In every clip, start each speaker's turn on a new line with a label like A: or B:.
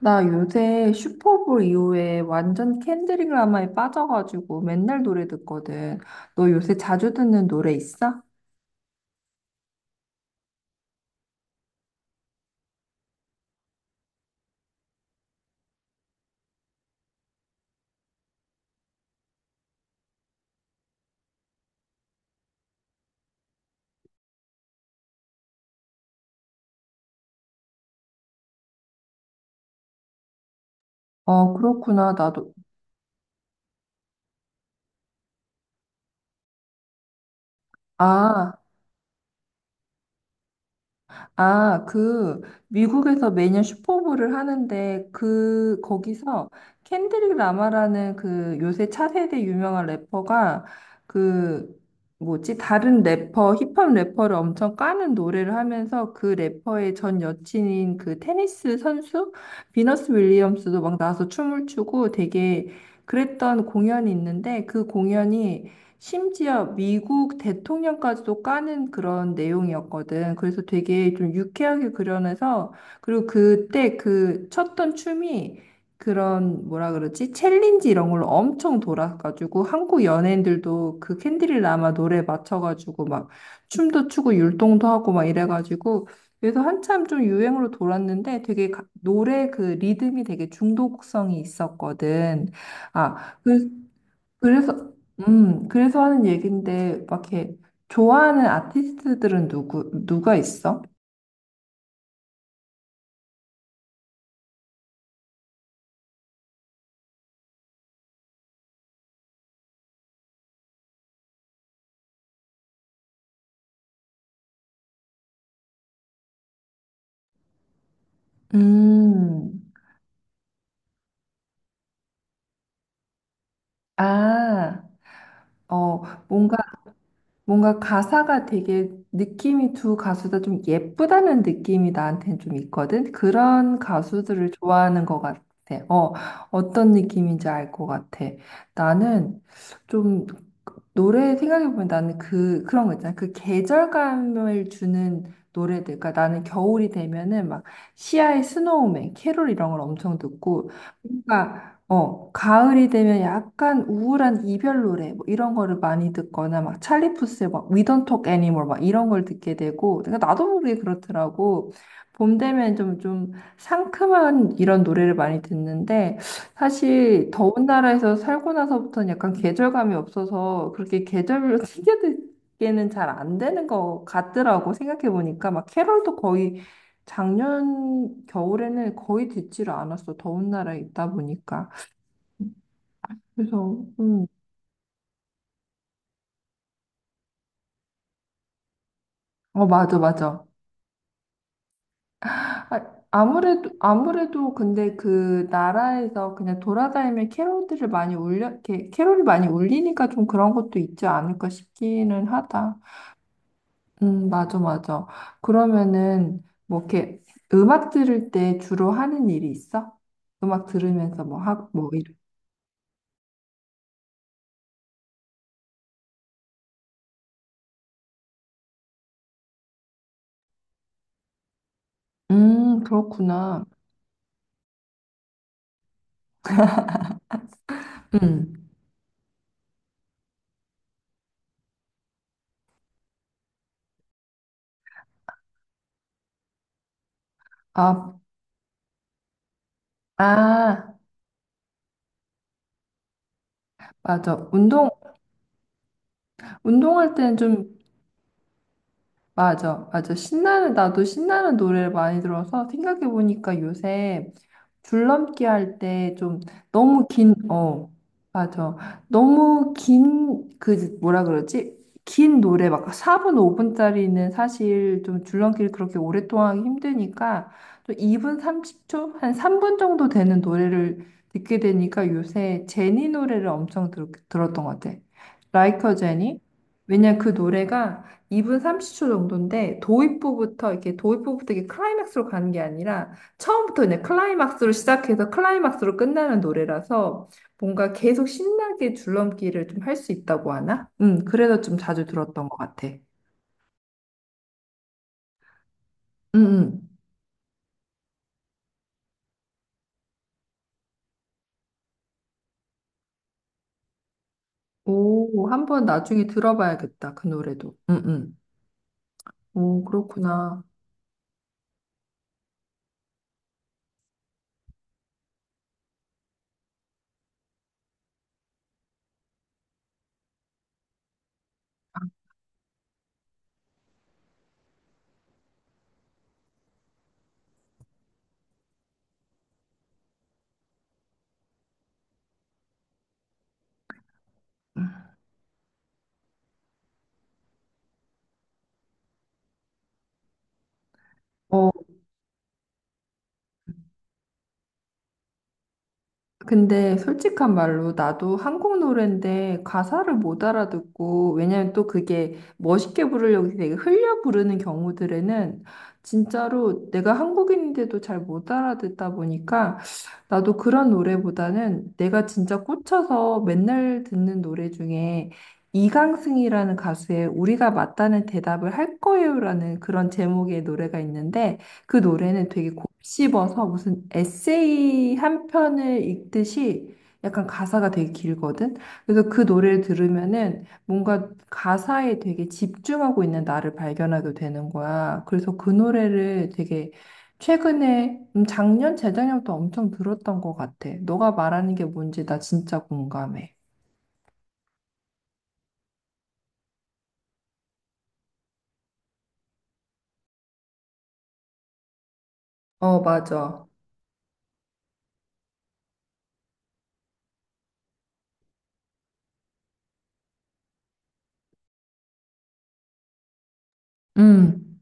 A: 나 요새 슈퍼볼 이후에 완전 캔드릭 라마에 빠져가지고 맨날 노래 듣거든. 너 요새 자주 듣는 노래 있어? 어, 그렇구나. 나도. 아, 그 미국에서 매년 슈퍼볼을 하는데 그 거기서 켄드릭 라마라는 그 요새 차세대 유명한 래퍼가 그 뭐지 다른 래퍼 힙합 래퍼를 엄청 까는 노래를 하면서 그 래퍼의 전 여친인 그 테니스 선수 비너스 윌리엄스도 막 나와서 춤을 추고 되게 그랬던 공연이 있는데 그 공연이 심지어 미국 대통령까지도 까는 그런 내용이었거든. 그래서 되게 좀 유쾌하게 그려내서, 그리고 그때 그 쳤던 춤이 그런 뭐라 그러지? 챌린지 이런 걸로 엄청 돌아가지고 한국 연예인들도 그 캔디를 라마 노래 맞춰가지고 막 춤도 추고 율동도 하고 막 이래가지고 그래서 한참 좀 유행으로 돌았는데 되게 노래 그 리듬이 되게 중독성이 있었거든. 아, 그 그래서, 그래서 하는 얘긴데, 막 이렇게 좋아하는 아티스트들은 누가 있어? 음, 아, 어, 뭔가, 뭔가 가사가 되게 느낌이 두 가수 다 좀 예쁘다는 느낌이 나한테는 좀 있거든? 그런 가수들을 좋아하는 것 같아. 어, 어떤 느낌인지 알 것 같아. 나는 좀 노래 생각해보면 나는 그런 거 있잖아. 그 계절감을 주는 노래들. 그러니까 나는 겨울이 되면은 막 시아의 스노우맨, 캐롤 이런 걸 엄청 듣고. 그러니까, 어, 가을이 되면 약간 우울한 이별 노래, 뭐 이런 거를 많이 듣거나 막 찰리 푸스의 막 We Don't Talk Anymore 막 이런 걸 듣게 되고. 그러니까 나도 모르게 그렇더라고. 봄 되면 좀 상큼한 이런 노래를 많이 듣는데 사실 더운 나라에서 살고 나서부터는 약간 계절감이 없어서 그렇게 계절별로 챙겨 듣기에는 잘 안 되는 것 같더라고. 생각해 보니까 막 캐럴도 거의 작년 겨울에는 거의 듣지를 않았어. 더운 나라에 있다 보니까 그래서 어 맞아 맞아. 아, 아무래도 근데 그 나라에서 그냥 돌아다니면 캐럴들을 많이 울려. 이렇게 캐럴이 많이 울리니까 좀 그런 것도 있지 않을까 싶기는 하다. 맞아, 맞아. 그러면은, 뭐, 이렇게, 음악 들을 때 주로 하는 일이 있어? 음악 들으면서 뭐 하고, 뭐, 이런. 그렇구나. 음. 아, 아, 맞아. 운동, 운동할 때는 좀 맞아, 맞아. 신나는, 나도 신나는 노래를 많이 들어서 생각해보니까 요새 줄넘기 할 때 좀 너무 긴, 어, 맞아. 너무 긴, 그, 뭐라 그러지? 긴 노래, 막 4분, 5분짜리는 사실 좀 줄넘기를 그렇게 오랫동안 하기 힘드니까 좀 2분 30초? 한 3분 정도 되는 노래를 듣게 되니까 요새 제니 노래를 엄청 들었던 것 같아. Like a Jenny? 왜냐 그 노래가 2분 30초 정도인데 도입부부터 이게 클라이맥스로 가는 게 아니라 처음부터 그냥 클라이막스로 시작해서 클라이막스로 끝나는 노래라서 뭔가 계속 신나게 줄넘기를 좀 할 수 있다고 하나? 그래서 좀 자주 들었던 것 같아. 음. 오, 한번 나중에 들어봐야겠다. 그 노래도. 오, 그렇구나. 음. 어, 근데 솔직한 말로 나도 한국 노래인데 가사를 못 알아듣고. 왜냐면 또 그게 멋있게 부르려고 되게 흘려 부르는 경우들에는 진짜로 내가 한국인인데도 잘 못 알아듣다 보니까 나도 그런 노래보다는 내가 진짜 꽂혀서 맨날 듣는 노래 중에 이강승이라는 가수의 우리가 맞다는 대답을 할 거예요라는 그런 제목의 노래가 있는데 그 노래는 되게 곱씹어서 무슨 에세이 한 편을 읽듯이 약간 가사가 되게 길거든. 그래서 그 노래를 들으면은 뭔가 가사에 되게 집중하고 있는 나를 발견하게 되는 거야. 그래서 그 노래를 되게 최근에 재작년부터 엄청 들었던 것 같아. 너가 말하는 게 뭔지 나 진짜 공감해. 어, 맞아. 음.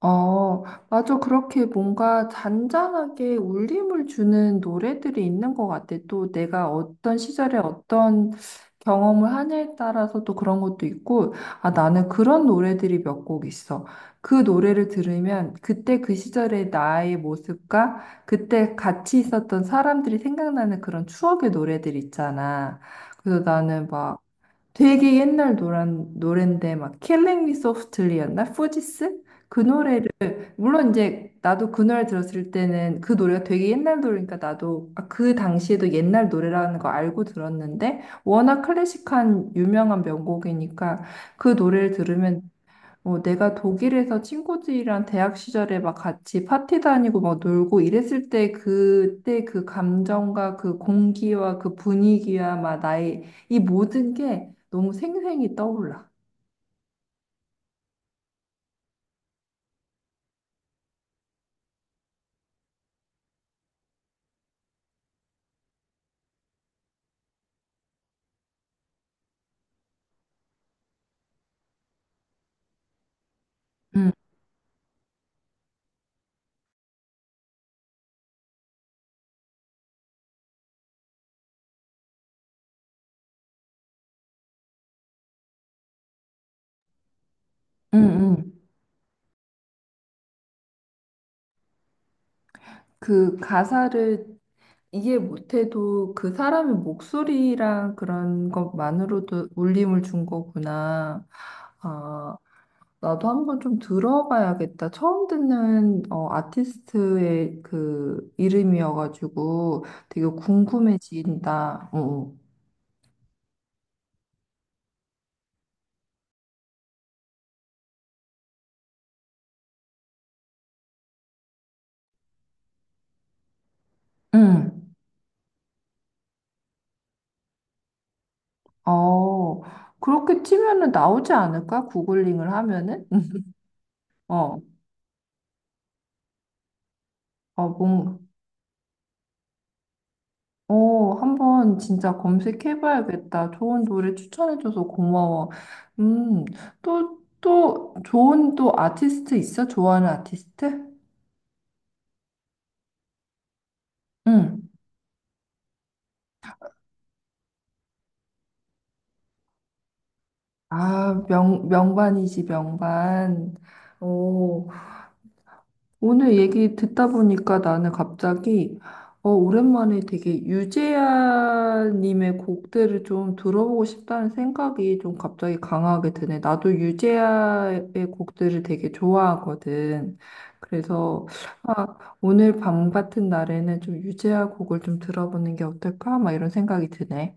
A: 어, 맞아. 그렇게 뭔가 잔잔하게 울림을 주는 노래들이 있는 것 같아. 또 내가 어떤 시절에 어떤 경험을 하냐에 따라서 또 그런 것도 있고, 아, 나는 그런 노래들이 몇 곡 있어. 그 노래를 들으면 그때 그 시절의 나의 모습과 그때 같이 있었던 사람들이 생각나는 그런 추억의 노래들 있잖아. 그래서 나는 막 되게 옛날 노란 노랜데 막 e s o f t l y 였나 포지스? 그 노래를 물론 이제 나도 그 노래 들었을 때는 그 노래가 되게 옛날 노래니까 나도 아, 그 당시에도 옛날 노래라는 거 알고 들었는데 워낙 클래식한 유명한 명곡이니까 그 노래를 들으면 어, 내가 독일에서 친구들이랑 대학 시절에 막 같이 파티 다니고 막 놀고 이랬을 때 그때 그 감정과 그 공기와 그 분위기와 막 나의 이 모든 게 너무 생생히 떠올라. 응, 응, 응. 그 가사를 이해 못해도 그 사람의 목소리랑 그런 것만으로도 울림을 준 거구나. 아, 나도 한번 좀 들어봐야겠다. 처음 듣는 어, 아티스트의 그 이름이어가지고 되게 궁금해진다. 어. 어. 응. 어, 그렇게 치면은 나오지 않을까? 구글링을 하면은? 응. 어, 어, 뭔, 어, 한번 진짜 검색해봐야겠다. 좋은 노래 추천해줘서 고마워. 음, 좋은 또 아티스트 있어? 좋아하는 아티스트? 응. 아, 명반이지, 명반. 오, 오늘 얘기 듣다 보니까 나는 갑자기, 어, 오랜만에 되게 유재하님의 곡들을 좀 들어보고 싶다는 생각이 좀 갑자기 강하게 드네. 나도 유재하의 곡들을 되게 좋아하거든. 그래서, 아, 오늘 밤 같은 날에는 좀 유재하 곡을 좀 들어보는 게 어떨까? 막 이런 생각이 드네.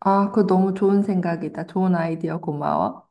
A: 아, 그거 너무 좋은 생각이다. 좋은 아이디어 고마워.